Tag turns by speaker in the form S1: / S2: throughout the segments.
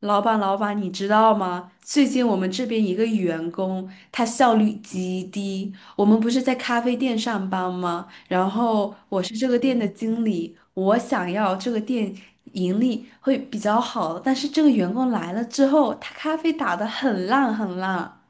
S1: 老板，老板，你知道吗？最近我们这边一个员工，他效率极低。我们不是在咖啡店上班吗？然后我是这个店的经理，我想要这个店盈利会比较好，但是这个员工来了之后，他咖啡打得很烂很烂。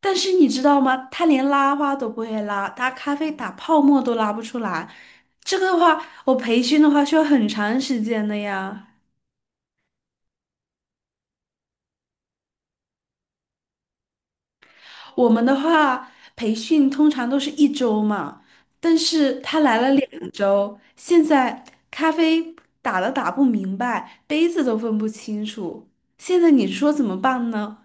S1: 但是你知道吗？他连拉花都不会拉，他咖啡打泡沫都拉不出来。这个的话，我培训的话需要很长时间的呀。我们的话，培训通常都是1周嘛，但是他来了两周，现在咖啡打了打不明白，杯子都分不清楚，现在你说怎么办呢？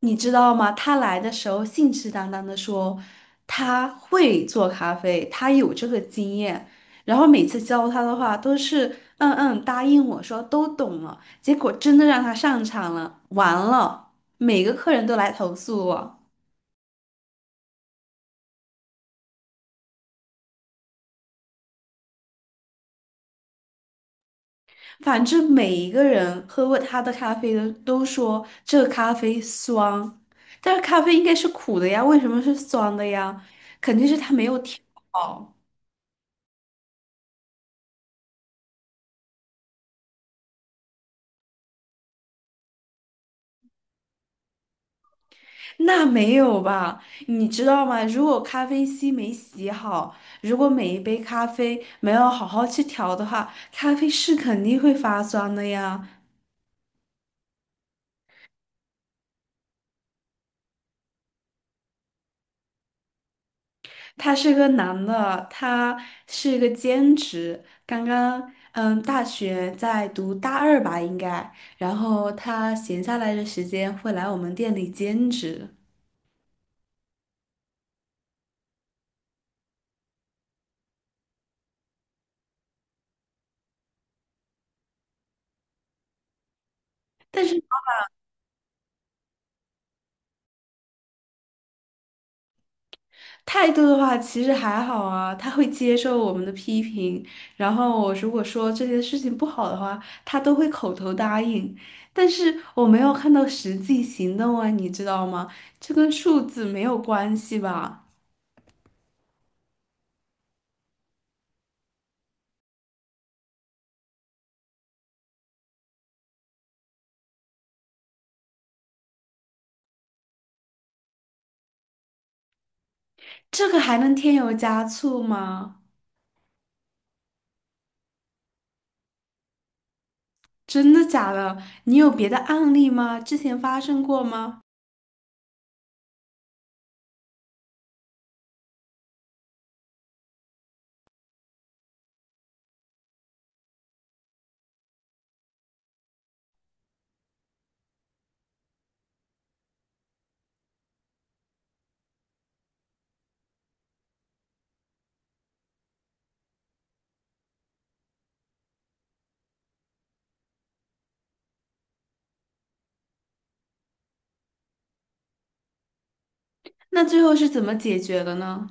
S1: 你知道吗？他来的时候信誓旦旦的说他会做咖啡，他有这个经验，然后每次教他的话都是嗯嗯答应我说都懂了，结果真的让他上场了，完了，每个客人都来投诉我。反正每一个人喝过他的咖啡的都说这个咖啡酸，但是咖啡应该是苦的呀，为什么是酸的呀？肯定是他没有调好。那没有吧？你知道吗？如果咖啡机没洗好，如果每一杯咖啡没有好好去调的话，咖啡是肯定会发酸的呀。他是个男的，他是一个兼职，刚刚大学在读大二吧应该，然后他闲下来的时间会来我们店里兼职，但是态度的话其实还好啊，他会接受我们的批评，然后我如果说这件事情不好的话，他都会口头答应，但是我没有看到实际行动啊，你知道吗？这跟数字没有关系吧？这个还能添油加醋吗？真的假的？你有别的案例吗？之前发生过吗？那最后是怎么解决的呢？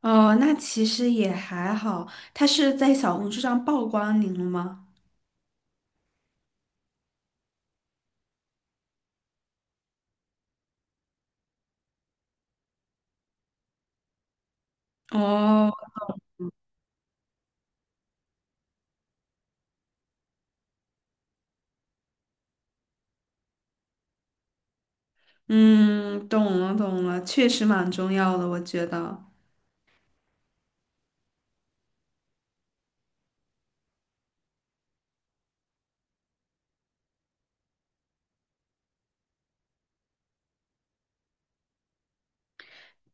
S1: 哦，那其实也还好。他是在小红书上曝光您了吗？哦，嗯，懂了懂了，确实蛮重要的，我觉得。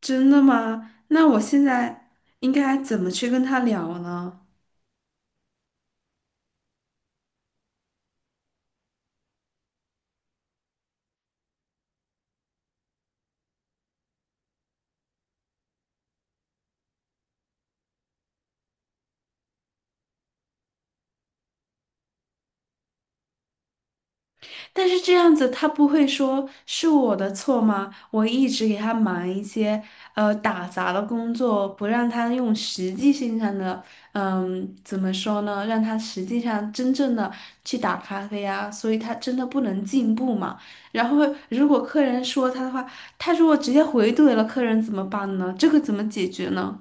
S1: 真的吗？那我现在应该怎么去跟他聊呢？但是这样子，他不会说是我的错吗？我一直给他忙一些打杂的工作，不让他用实际性上的，嗯，怎么说呢？让他实际上真正的去打咖啡啊，所以他真的不能进步嘛。然后如果客人说他的话，他如果直接回怼了客人怎么办呢？这个怎么解决呢？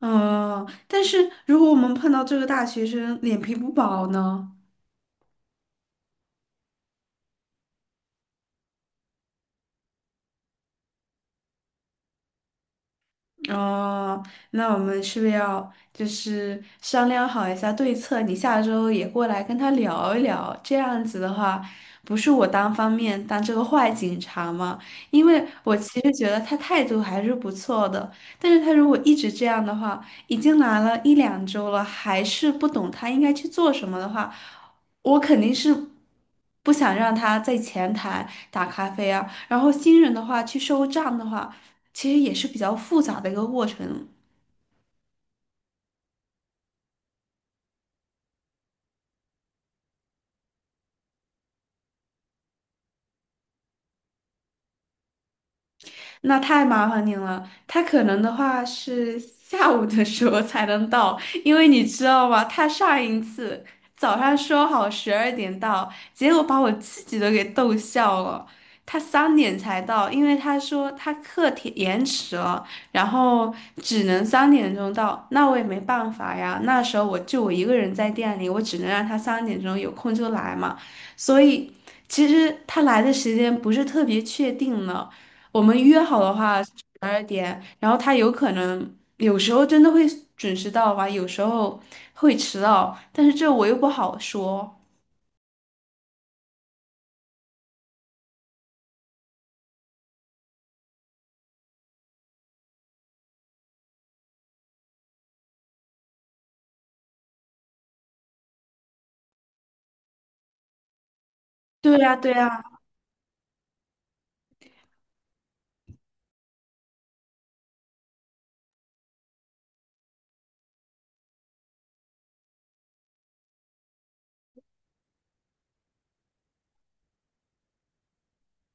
S1: 嗯，但是如果我们碰到这个大学生脸皮不薄呢？哦，那我们是不是要就是商量好一下对策？你下周也过来跟他聊一聊，这样子的话，不是我单方面当这个坏警察嘛？因为我其实觉得他态度还是不错的，但是他如果一直这样的话，已经来了1-2周了，还是不懂他应该去做什么的话，我肯定是不想让他在前台打咖啡啊，然后新人的话去收账的话。其实也是比较复杂的一个过程。那太麻烦您了。他可能的话是下午的时候才能到，因为你知道吗？他上一次早上说好十二点到，结果把我自己都给逗笑了。他三点才到，因为他说他课题延迟了，然后只能三点钟到。那我也没办法呀，那时候我一个人在店里，我只能让他三点钟有空就来嘛。所以其实他来的时间不是特别确定呢。我们约好的话十二点，然后他有可能有时候真的会准时到吧，有时候会迟到，但是这我又不好说。对呀，对呀，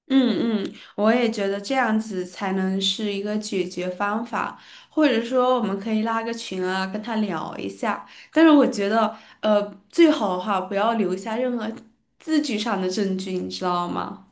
S1: 嗯嗯，我也觉得这样子才能是一个解决方法，或者说我们可以拉个群啊，跟他聊一下。但是我觉得，呃，最好的哈，不要留下任何字据上的证据，你知道吗？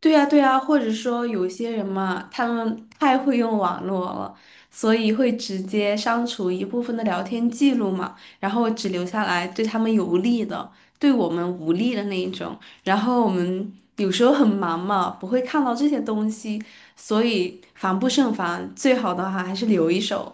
S1: 对呀，对呀，或者说有些人嘛，他们太会用网络了，所以会直接删除一部分的聊天记录嘛，然后只留下来对他们有利的，对我们无利的那一种。然后我们有时候很忙嘛，不会看到这些东西，所以防不胜防，最好的话还是留一手。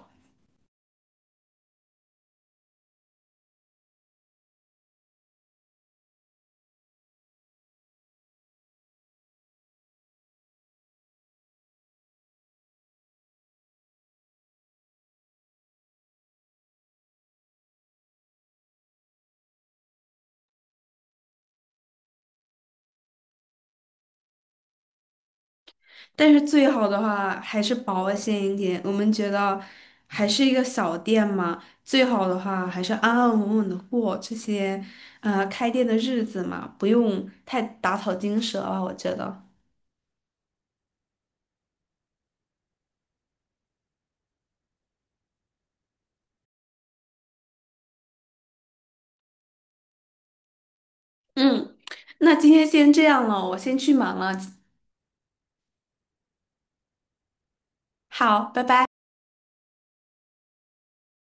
S1: 但是最好的话还是保险一点。我们觉得还是一个小店嘛，最好的话还是安安稳稳的过这些开店的日子嘛，不用太打草惊蛇了，我觉得。嗯，那今天先这样了，我先去忙了。好，拜拜。